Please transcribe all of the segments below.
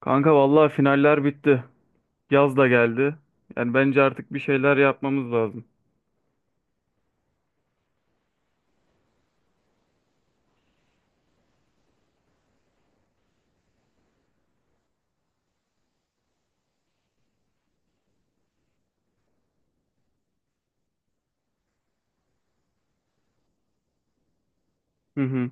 Kanka vallahi finaller bitti. Yaz da geldi. Yani bence artık bir şeyler yapmamız lazım. Hı hı.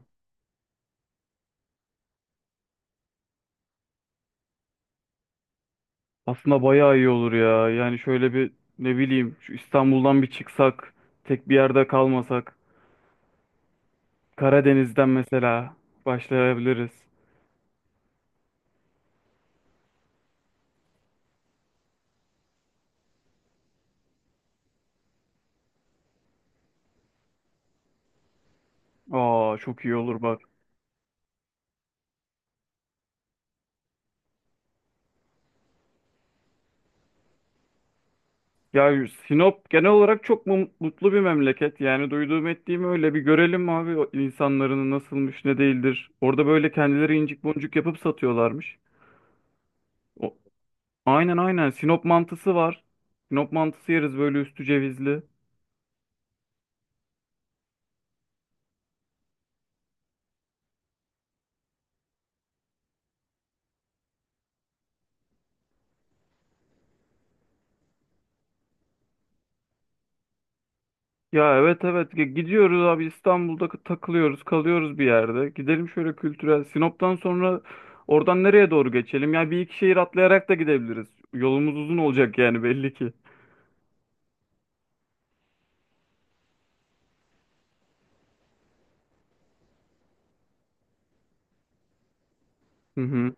Aslında bayağı iyi olur ya. Yani şöyle bir, ne bileyim, şu İstanbul'dan bir çıksak, tek bir yerde kalmasak. Karadeniz'den mesela başlayabiliriz. Aa, çok iyi olur bak. Ya Sinop genel olarak mutlu bir memleket. Yani duyduğum ettiğim öyle bir görelim abi o insanların nasılmış ne değildir. Orada böyle kendileri incik boncuk yapıp satıyorlarmış. O- Aynen aynen. Sinop mantısı var. Sinop mantısı yeriz böyle üstü cevizli. Ya evet evet, gidiyoruz abi. İstanbul'da takılıyoruz kalıyoruz bir yerde. Gidelim şöyle kültürel. Sinop'tan sonra oradan nereye doğru geçelim? Ya bir iki şehir atlayarak da gidebiliriz. Yolumuz uzun olacak yani belli ki. Hı hı.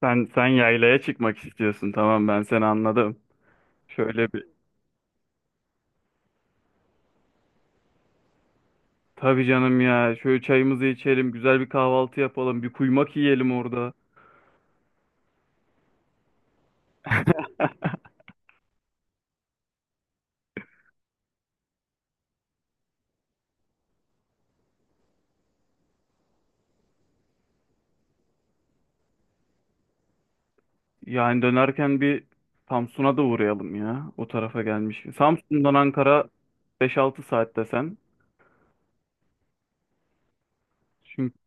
Sen yaylaya çıkmak istiyorsun, tamam, ben seni anladım. Şöyle bir, tabii canım ya, şöyle çayımızı içelim, güzel bir kahvaltı yapalım, bir kuymak yiyelim orada. Yani dönerken bir Samsun'a da uğrayalım ya. O tarafa gelmiş. Samsun'dan Ankara beş altı saat desen. Çünkü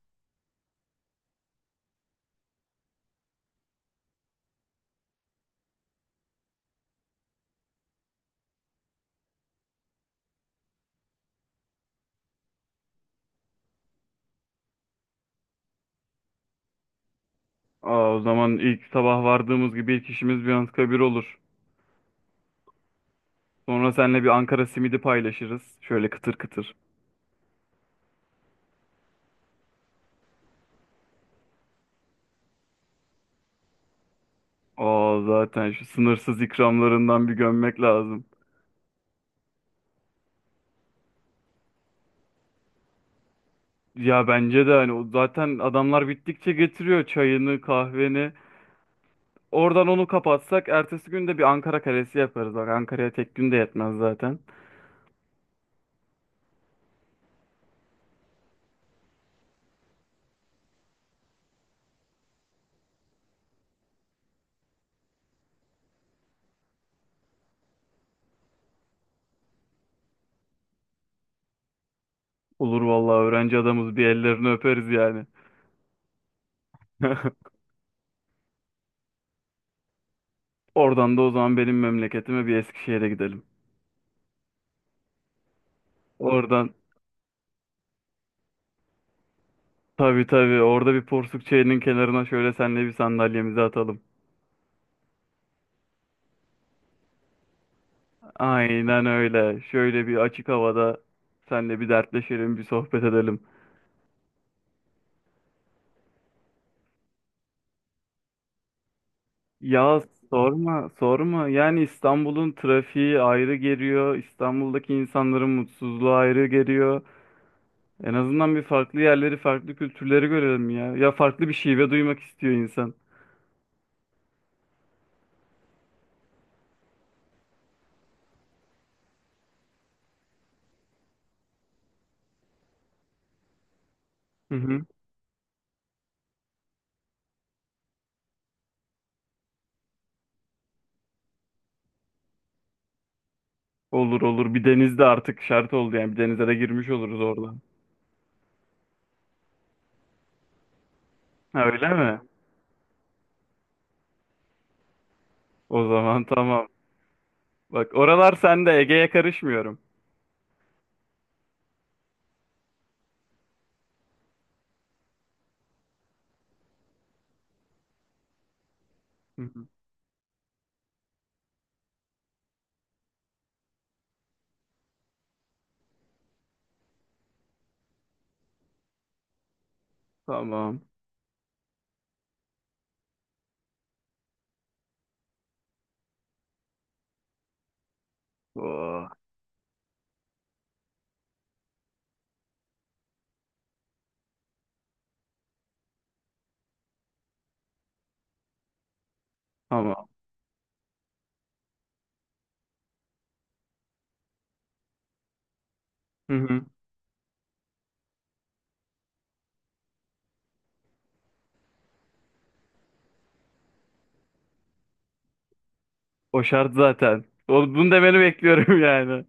Aa, o zaman ilk sabah vardığımız gibi ilk işimiz bir Anıtkabir olur. Sonra seninle bir Ankara simidi paylaşırız. Şöyle kıtır kıtır. Aa, zaten şu sınırsız ikramlarından bir gömmek lazım. Ya bence de, hani, o zaten adamlar bittikçe getiriyor çayını, kahveni. Oradan onu kapatsak ertesi gün de bir Ankara kalesi yaparız. Bak, Ankara'ya tek gün de yetmez zaten. Olur vallahi, öğrenci adamız, bir ellerini öperiz yani. Oradan da o zaman benim memleketime, bir Eskişehir'e gidelim. Oradan tabii tabii, orada bir porsuk çayının kenarına şöyle senle bir sandalyemizi atalım. Aynen öyle. Şöyle bir açık havada senle bir dertleşelim, bir sohbet edelim. Ya sorma, sorma. Yani İstanbul'un trafiği ayrı geliyor. İstanbul'daki insanların mutsuzluğu ayrı geliyor. En azından bir farklı yerleri, farklı kültürleri görelim ya. Ya farklı bir şive duymak istiyor insan. Hı hı. Olur olur. Bir denizde artık şart oldu yani. Bir denize de girmiş oluruz oradan. Ha, öyle mi? O zaman tamam. Bak, oralar sende. Ege'ye karışmıyorum. Hı hı. Tamam. Oo, tamam. Hı hı. O şart zaten. O, bunu demeni bekliyorum yani.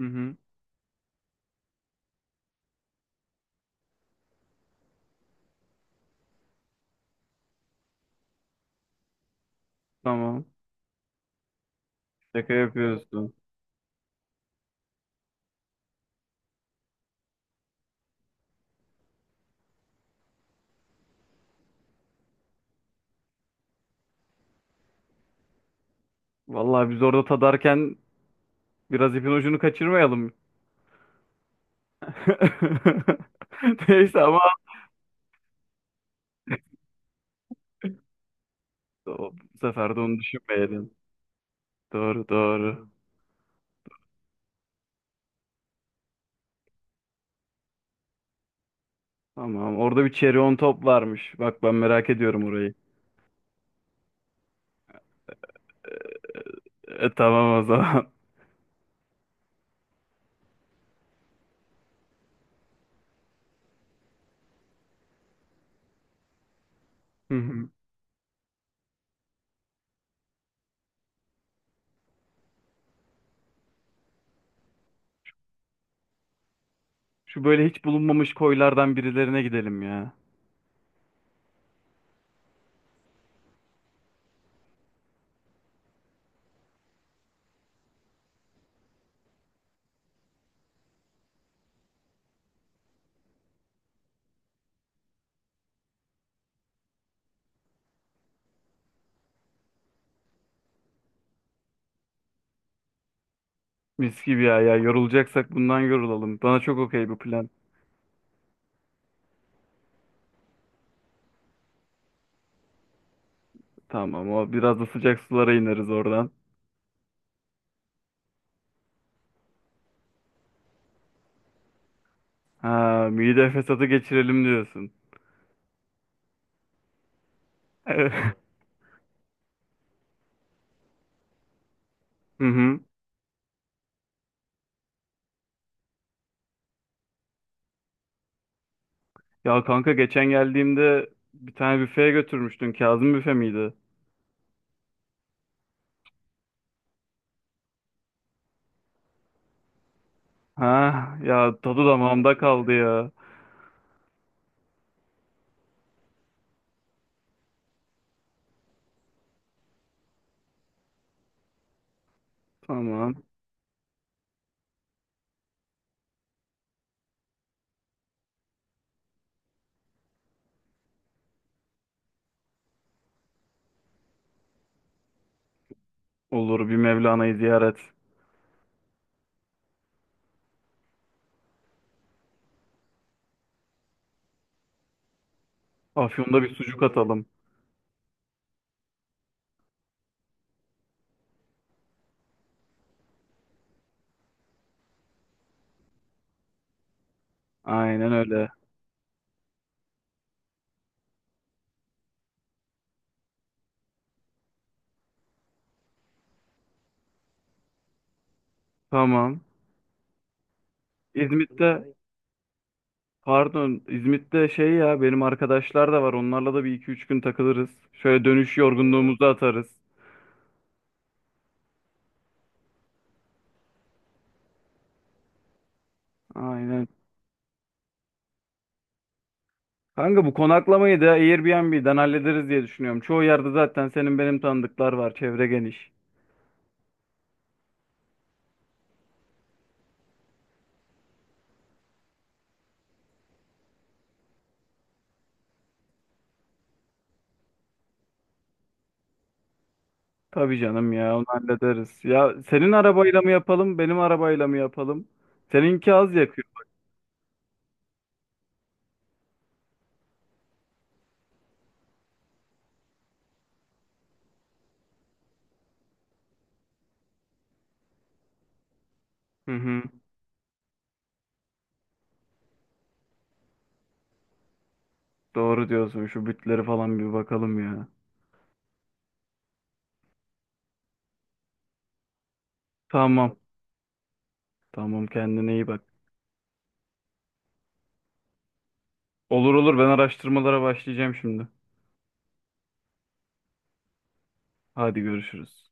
Hı hı. Tamam. Şaka yapıyorsun. Vallahi biz orada tadarken biraz ipin ucunu kaçırmayalım. Neyse ama bu sefer de onu düşünmeyelim. Doğru doğru. Tamam. Orada bir cherry on top varmış. Bak, ben merak ediyorum orayı. E, tamam o zaman. Hı hı. Şu böyle hiç bulunmamış koylardan birilerine gidelim ya. Mis gibi ya ya. Yorulacaksak bundan yorulalım. Bana çok okey bu plan. Tamam, o biraz da sıcak sulara ineriz oradan. Ha, mide fesatı geçirelim diyorsun. Evet. Hı hı. Ya kanka geçen geldiğimde bir tane büfeye götürmüştün. Kazım büfe miydi? Ha ya, tadı damağımda kaldı ya. Tamam. Olur, bir Mevlana'yı ziyaret. Afyon'da bir sucuk atalım. Aynen öyle. Tamam. İzmit'te, pardon, İzmit'te şey ya, benim arkadaşlar da var. Onlarla da bir iki üç gün takılırız. Şöyle dönüş yorgunluğumuzu atarız. Aynen. Kanka, bu konaklamayı da Airbnb'den hallederiz diye düşünüyorum. Çoğu yerde zaten senin benim tanıdıklar var. Çevre geniş. Tabii canım ya, onu hallederiz. Ya senin arabayla mı yapalım, benim arabayla mı yapalım? Seninki az yakıyor. Hı hı. Doğru diyorsun. Şu bütleri falan bir bakalım ya. Tamam. Tamam, kendine iyi bak. Olur olur, ben araştırmalara başlayacağım şimdi. Hadi görüşürüz.